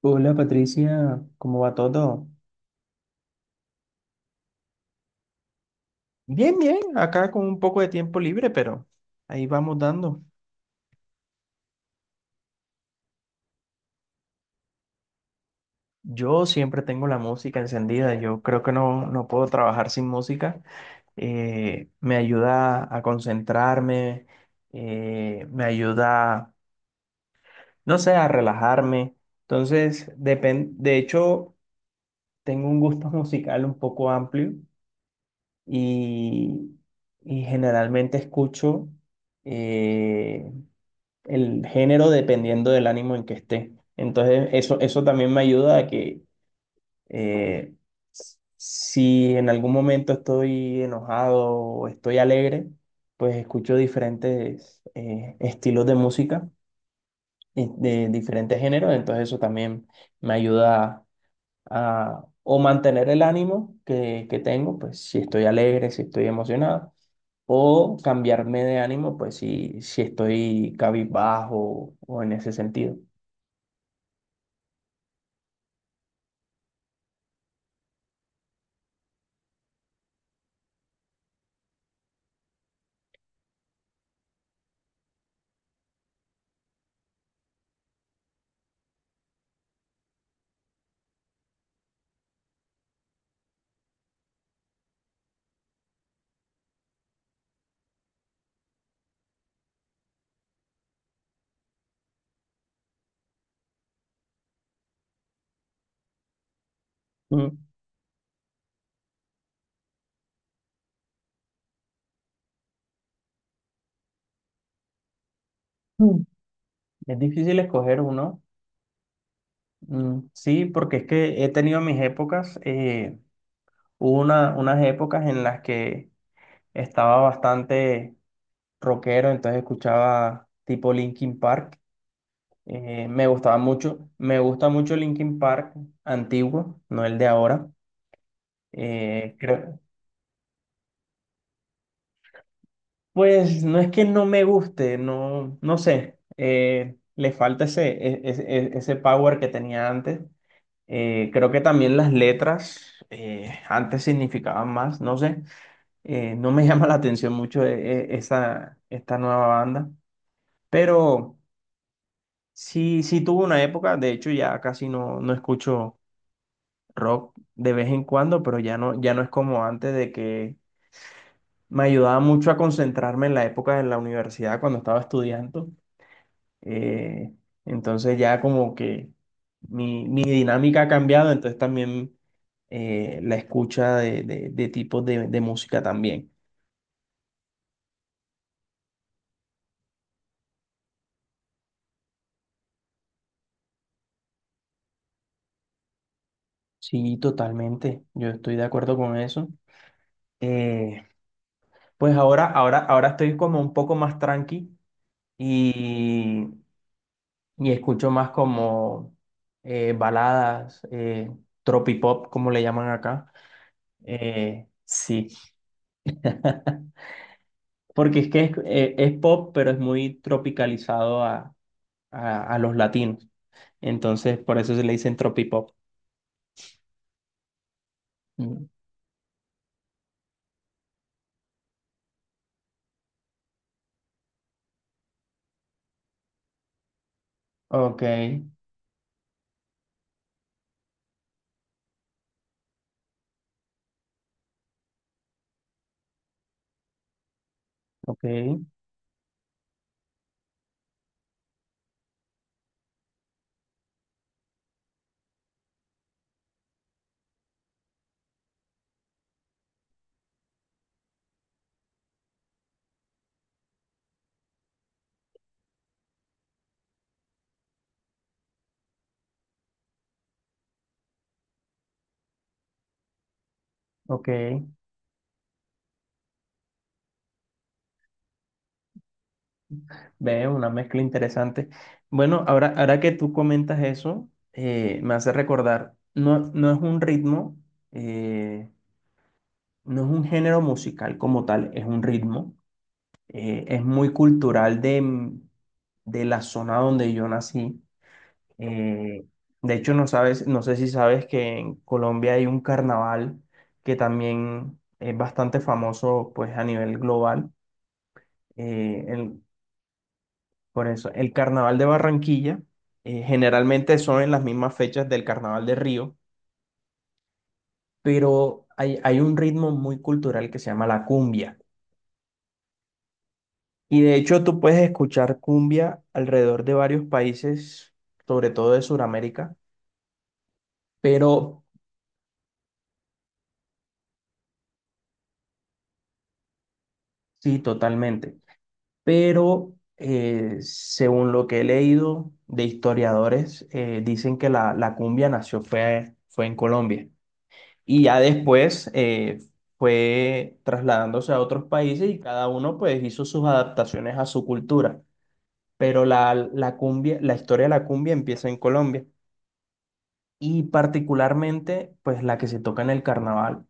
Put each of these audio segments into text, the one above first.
Hola Patricia, ¿cómo va todo? Bien, bien, acá con un poco de tiempo libre, pero ahí vamos dando. Yo siempre tengo la música encendida, yo creo que no puedo trabajar sin música. Me ayuda a concentrarme, me ayuda, no sé, a relajarme. Entonces, de hecho, tengo un gusto musical un poco amplio y, y generalmente escucho eh, el género dependiendo del ánimo en que esté. Entonces, eso también me ayuda a que, eh, si en algún momento estoy enojado o estoy alegre, pues escucho diferentes estilos de música y de diferentes géneros. Entonces, eso también me ayuda a, o mantener el ánimo que tengo, pues si estoy alegre, si estoy emocionado. O cambiarme de ánimo, pues si estoy cabizbajo o en ese sentido. Mm, mm, es difícil escoger uno. Mm, sí, porque es que he tenido mis épocas. Hubo unas épocas en las que estaba bastante rockero, entonces escuchaba tipo Linkin Park. Me gustaba mucho. Me gusta mucho Linkin Park antiguo, no el de ahora. Eh, creo, Pues no es que no me guste, no, no sé, le falta ese, ese power que tenía antes. Creo que también las letras antes significaban más, no sé. No me llama la atención mucho esa, esta nueva banda, pero sí, sí tuvo una época, de hecho ya casi no escucho rock de vez en cuando, pero ya no, ya no es como antes de que me ayudaba mucho a concentrarme en la época de la universidad cuando estaba estudiando. Eh, entonces, ya como que mi dinámica ha cambiado, entonces también la escucha de, de tipos de música también. Sí, totalmente, yo estoy de acuerdo con eso. Eh, pues ahora estoy como un poco más tranqui y, y escucho más como baladas, tropipop, como le llaman acá. Sí. Porque es que es pop, pero es muy tropicalizado a, a los latinos. Entonces, por eso se le dicen tropipop. Mm. Ok, ok, ok. Veo una mezcla interesante. Bueno, ahora que tú comentas eso, me hace recordar, no, no es un ritmo, eh, no es un género musical como tal, es un ritmo. Es muy cultural de la zona donde yo nací. Eh, de hecho, no sabes, no sé si sabes que en Colombia hay un carnaval que también es bastante famoso pues a nivel global. Eh, el- por eso, el carnaval de Barranquilla generalmente son en las mismas fechas del carnaval de Río, pero hay un ritmo muy cultural que se llama la cumbia. Y de hecho, tú puedes escuchar cumbia alrededor de varios países, sobre todo de Sudamérica, pero sí, totalmente. Pero según lo que he leído de historiadores, dicen que la cumbia nació fue, fue en Colombia y ya después fue trasladándose a otros países y cada uno pues hizo sus adaptaciones a su cultura, pero la cumbia, la historia de la cumbia empieza en Colombia y particularmente pues la que se toca en el carnaval.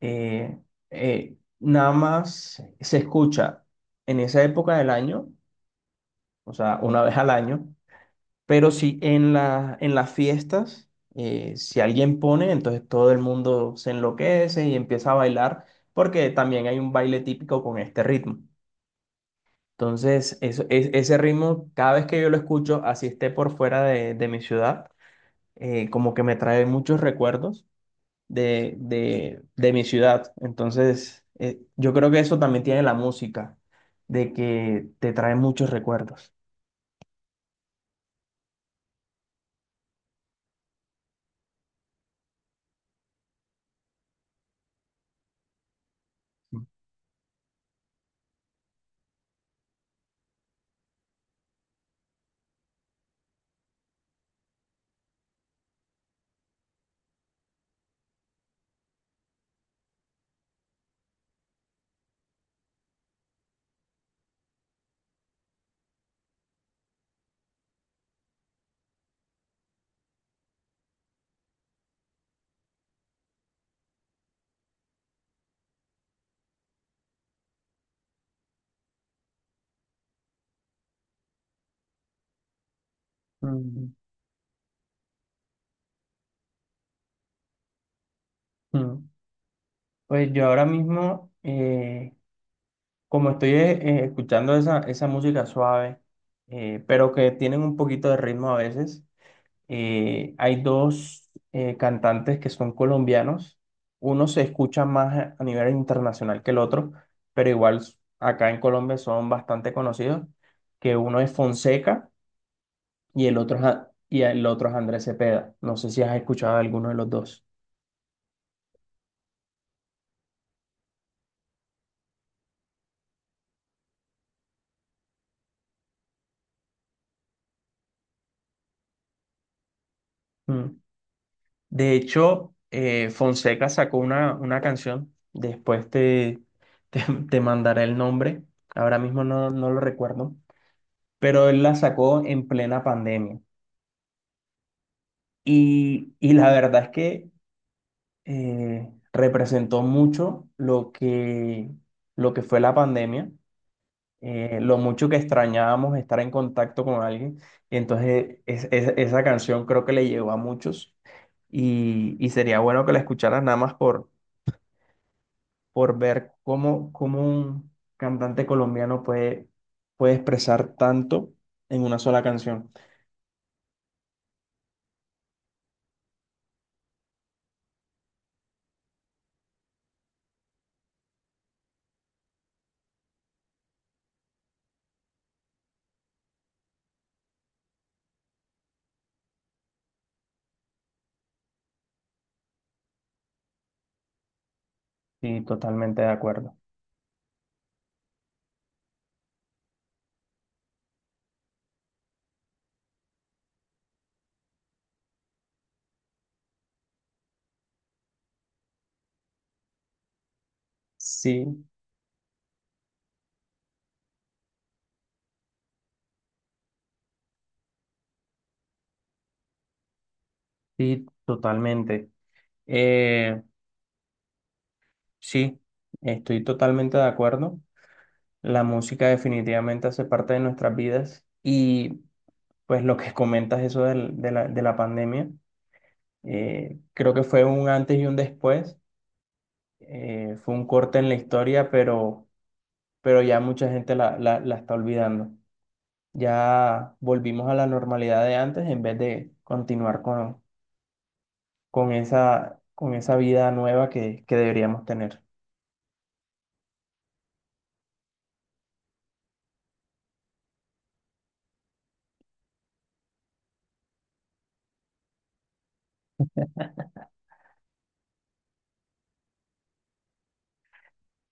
eh, Nada más se escucha en esa época del año, o sea, una vez al año. Pero si en la, en las fiestas, si alguien pone, entonces todo el mundo se enloquece y empieza a bailar, porque también hay un baile típico con este ritmo. Entonces, ese ritmo, cada vez que yo lo escucho, así esté por fuera de mi ciudad, como que me trae muchos recuerdos de, de mi ciudad. Entonces, yo creo que eso también tiene la música, de que te trae muchos recuerdos. Mm, mm. Pues yo ahora mismo, como estoy escuchando esa música suave, pero que tienen un poquito de ritmo a veces, hay dos cantantes que son colombianos. Uno se escucha más a nivel internacional que el otro, pero igual acá en Colombia son bastante conocidos, que uno es Fonseca y el otro, es Andrés Cepeda. No sé si has escuchado alguno de los dos. Mm. De hecho, Fonseca sacó una canción, después te, te mandaré el nombre, ahora mismo no lo recuerdo, pero él la sacó en plena pandemia. Y la verdad es que representó mucho lo que fue la pandemia, lo mucho que extrañábamos estar en contacto con alguien. Entonces, esa canción creo que le llegó a muchos y sería bueno que la escucharas nada más por ver cómo, cómo un cantante colombiano puede, puede expresar tanto en una sola canción. Sí, totalmente de acuerdo. Sí, sí, totalmente. Eh, sí, estoy totalmente de acuerdo. La música definitivamente hace parte de nuestras vidas y pues lo que comentas eso de la pandemia, creo que fue un antes y un después. Fue un corte en la historia, pero ya mucha gente la está olvidando. Ya volvimos a la normalidad de antes en vez de continuar con esa vida nueva que deberíamos tener.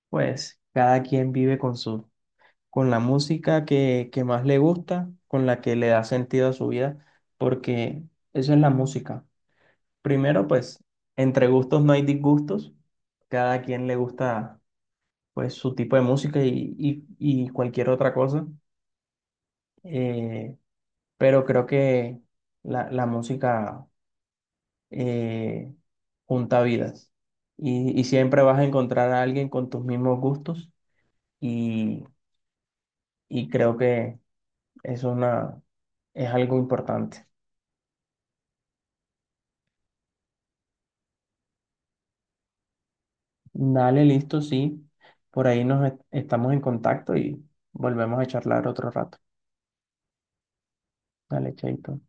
Pues cada quien vive con su, con la música que más le gusta, con la que le da sentido a su vida, porque eso es la música. Primero, pues, entre gustos no hay disgustos. Cada quien le gusta, pues, su tipo de música y cualquier otra cosa. Eh, pero creo que la música eh, junta vidas y siempre vas a encontrar a alguien con tus mismos gustos y, y creo que es una, es algo importante. Dale, listo, sí. Por ahí estamos en contacto y volvemos a charlar otro rato. Dale, chaito.